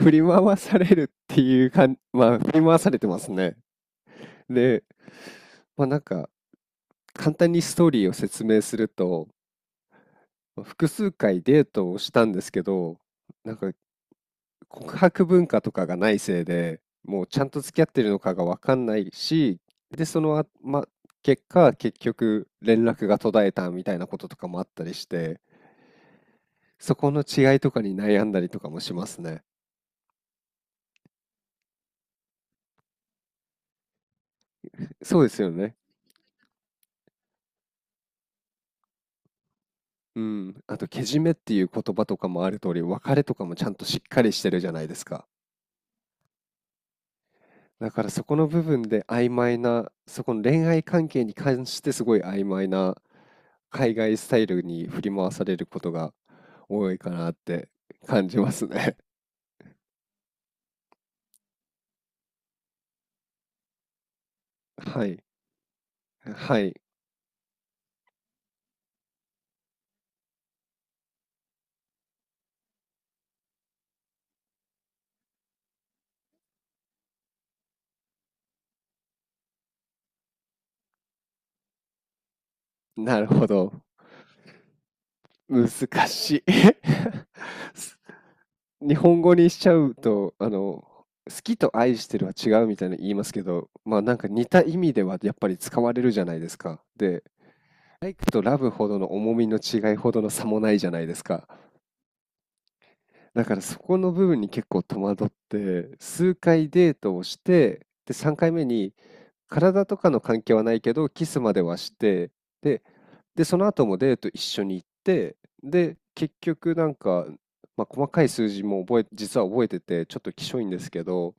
振り回されるっていうかん、まあ、振り回されてますね。で、まあ、なんか、簡単にストーリーを説明すると、複数回デートをしたんですけど、なんか告白文化とかがないせいで、もうちゃんと付き合ってるのかがわかんないし、で、そのあ、ま、結果、結局連絡が途絶えたみたいなこととかもあったりして、そこの違いとかに悩んだりとかもしますね。そうですよね。うん。あと、けじめっていう言葉とかもある通り、別れとかもちゃんとしっかりしてるじゃないですか。だからそこの部分で曖昧な、そこの恋愛関係に関してすごい曖昧な海外スタイルに振り回されることが多いかなって感じますね。はい。はい。なるほど。難しい。 す日本語にしちゃうと、あの、好きと愛してるは違うみたいな言いますけど、まあなんか似た意味ではやっぱり使われるじゃないですか。で、とラブほどの重みの違いほどの差もないじゃないですか。だからそこの部分に結構戸惑って数回デートをして、で、3回目に体とかの関係はないけどキスまではして、で、で、その後もデート一緒に行って、で、結局なんか、まあ、細かい数字も実は覚えててちょっときしょいんですけど、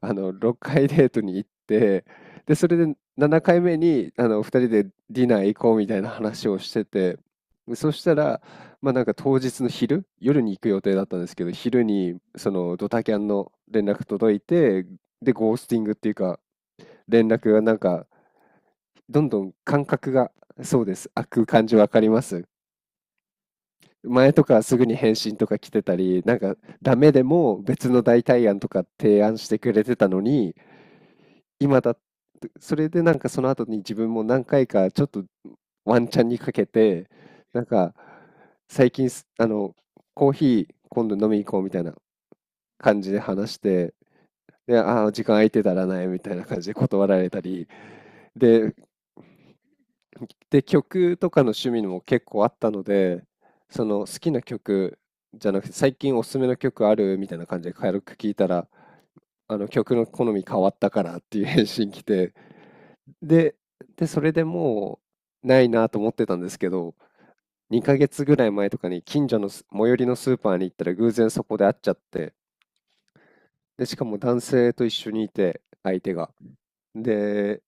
あの、6回デートに行って、で、それで7回目に、あの、2人でディナー行こうみたいな話をしてて、そしたら、まあ、なんか当日の昼、夜に行く予定だったんですけど、昼にそのドタキャンの連絡届いて、で、ゴースティングっていうか、連絡がなんか、どんどん感覚が、そうです、開く感じわかります。前とかすぐに返信とか来てたり、なんかダメでも別の代替案とか提案してくれてたのに、今だそれでなんかその後に自分も何回かちょっとワンチャンにかけて、なんか最近あの、コーヒー今度飲み行こうみたいな感じで話して、で、ああ、時間空いてたらないみたいな感じで断られたり、で、曲とかの趣味も結構あったので、その好きな曲じゃなくて、最近おすすめの曲あるみたいな感じで軽く聞いたら、あの曲の好み変わったからっていう返信来て、で、それでもうないなと思ってたんですけど、2ヶ月ぐらい前とかに近所の最寄りのスーパーに行ったら偶然そこで会っちゃって、で、しかも男性と一緒にいて、相手が。で、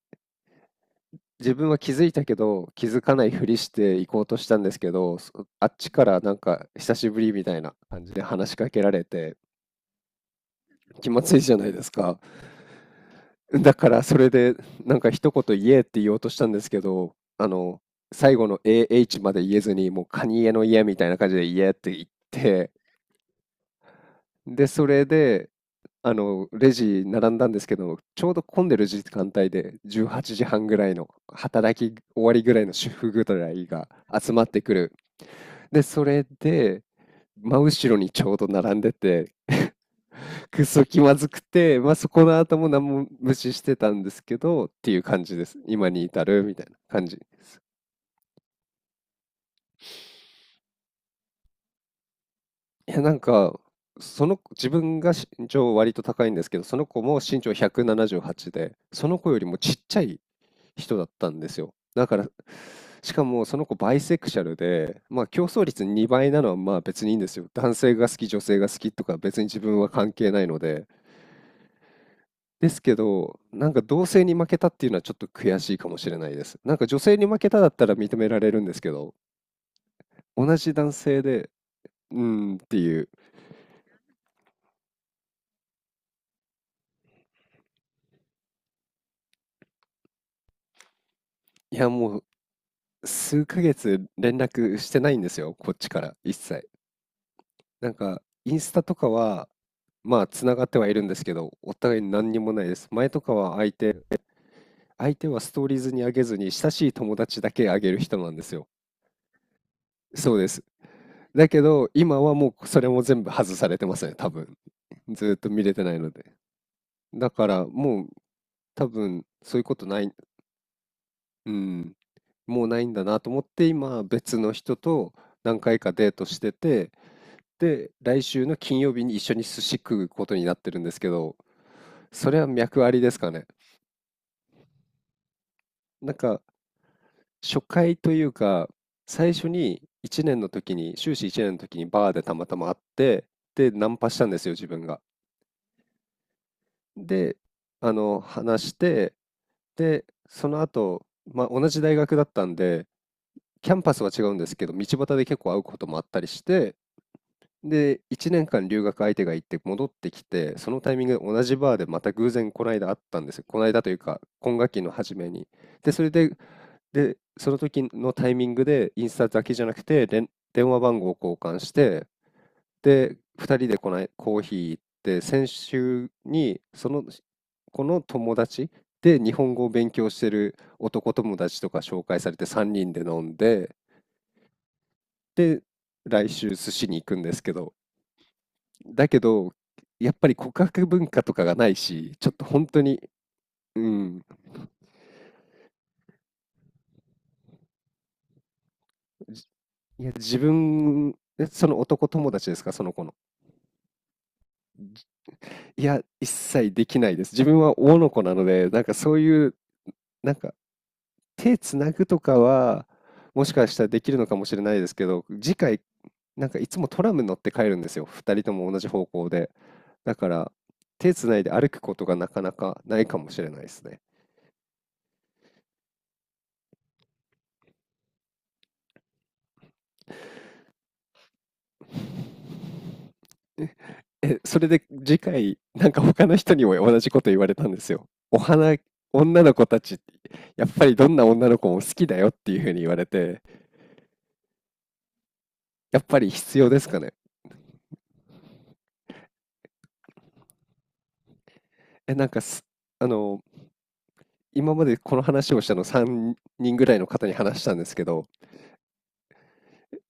自分は気づいたけど、気づかないふりして行こうとしたんですけど、あっちからなんか久しぶりみたいな感じで話しかけられて、気まずいじゃないですか。だからそれでなんか一言言えって言おうとしたんですけど、あの、最後の AH まで言えずに、もうカニエの家みたいな感じで言えって言って、で、それで、あの、レジ並んだんですけど、ちょうど混んでる時間帯で18時半ぐらいの働き終わりぐらいの主婦ぐらいが集まってくる。で、それで、真後ろにちょうど並んでて、 くそ気まずくて、まあ、そこの後も何も無視してたんですけど、っていう感じです。今に至るみたいな感じ。いや、なんか、その自分が身長割と高いんですけど、その子も身長178で、その子よりもちっちゃい人だったんですよ。だから、しかもその子バイセクシャルで、まあ競争率2倍なのはまあ別にいいんですよ。男性が好き、女性が好きとか別に自分は関係ないので、ですけど、なんか同性に負けたっていうのはちょっと悔しいかもしれないです。なんか女性に負けただったら認められるんですけど、同じ男性で、うーんっていう。いや、もう数ヶ月連絡してないんですよ、こっちから一切。なんか、インスタとかは、まあ、つながってはいるんですけど、お互い何にもないです。前とかは相手、相手はストーリーズに上げずに、親しい友達だけ上げる人なんですよ。そうです。だけど、今はもうそれも全部外されてますね、多分。ずーっと見れてないので。だからもう多分そういうことない、うん、もうないんだなと思って、今別の人と何回かデートしてて、で、来週の金曜日に一緒に寿司食うことになってるんですけど、それは脈ありですかね？なんか初回というか、最初に1年の時に、修士1年の時にバーでたまたま会って、で、ナンパしたんですよ、自分が。で、あの、話して、で、その後、まあ、同じ大学だったんで、キャンパスは違うんですけど、道端で結構会うこともあったりして、で、1年間留学相手が行って戻ってきて、そのタイミングで同じバーでまた偶然この間会ったんですよ。この間というか、今学期の初めに。で、それで、で、その時のタイミングで、インスタだけじゃなくて、電話番号を交換して、で、2人でこないコーヒー行って、先週に、その子の友達で日本語を勉強してる男友達とか紹介されて3人で飲んで、で、来週寿司に行くんですけど、だけど、やっぱり告白文化とかがないし、ちょっと本当に、うん、じいや、自分、その男友達ですか、その子の。いや、一切できないです。自分は男の子なので、なんかそういう、なんか手つなぐとかは、もしかしたらできるのかもしれないですけど、次回、なんかいつもトラム乗って帰るんですよ。二人とも同じ方向で。だから、手つないで歩くことがなかなかないかもしれないですね。え、それで次回、なんか他の人にも同じこと言われたんですよ。お花、女の子たち、やっぱりどんな女の子も好きだよっていうふうに言われて、やっぱり必要ですかね？え、なんか、あの、今までこの話をしたの3人ぐらいの方に話したんですけど、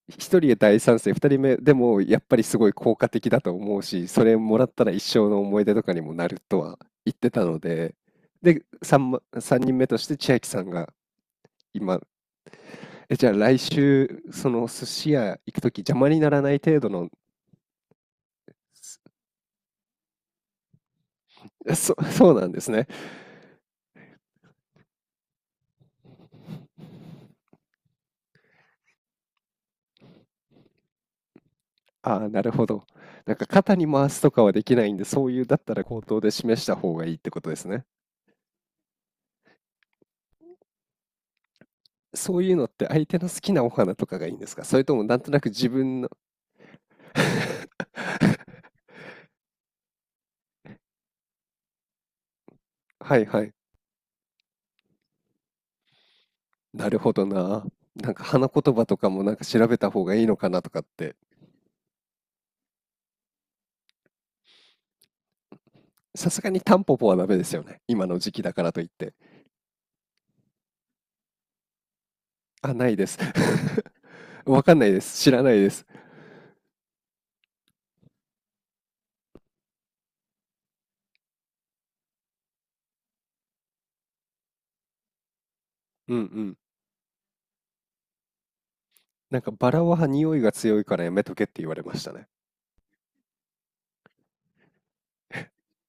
1人で大賛成、2人目でもやっぱりすごい効果的だと思うし、それもらったら一生の思い出とかにもなるとは言ってたので、で、3、 3人目として千秋さんが今、え、じゃあ来週、その寿司屋行くとき邪魔にならない程度の、そうなんですね。ああ、なるほど。なんか肩に回すとかはできないんで、そういうだったら口頭で示した方がいいってことですね。そういうのって相手の好きなお花とかがいいんですか、それともなんとなく自分の、はいはい。なるほどな。なんか花言葉とかもなんか調べた方がいいのかなとかって。さすがにタンポポはダメですよね。今の時期だからといって。あ、ないです。わかんないです。知らないです。うんうん。なんかバラは匂いが強いからやめとけって言われましたね。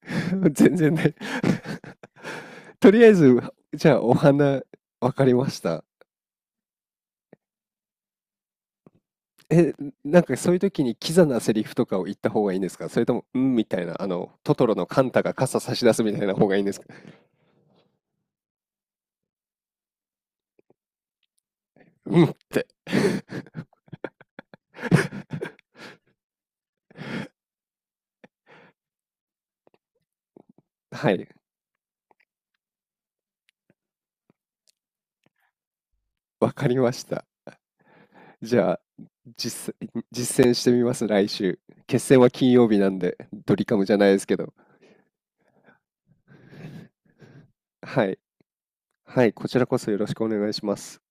全然ない。 とりあえず、じゃあお花、わかりました。え、なんかそういう時にキザなセリフとかを言った方がいいんですか、それとも、うん、みたいな、あの、トトロのカンタが傘差し出すみたいな方がいいんですか、うんって。はい、わかりました。じゃあ、実践してみます、来週。決戦は金曜日なんで、ドリカムじゃないですけど。はい。はい、こちらこそよろしくお願いします。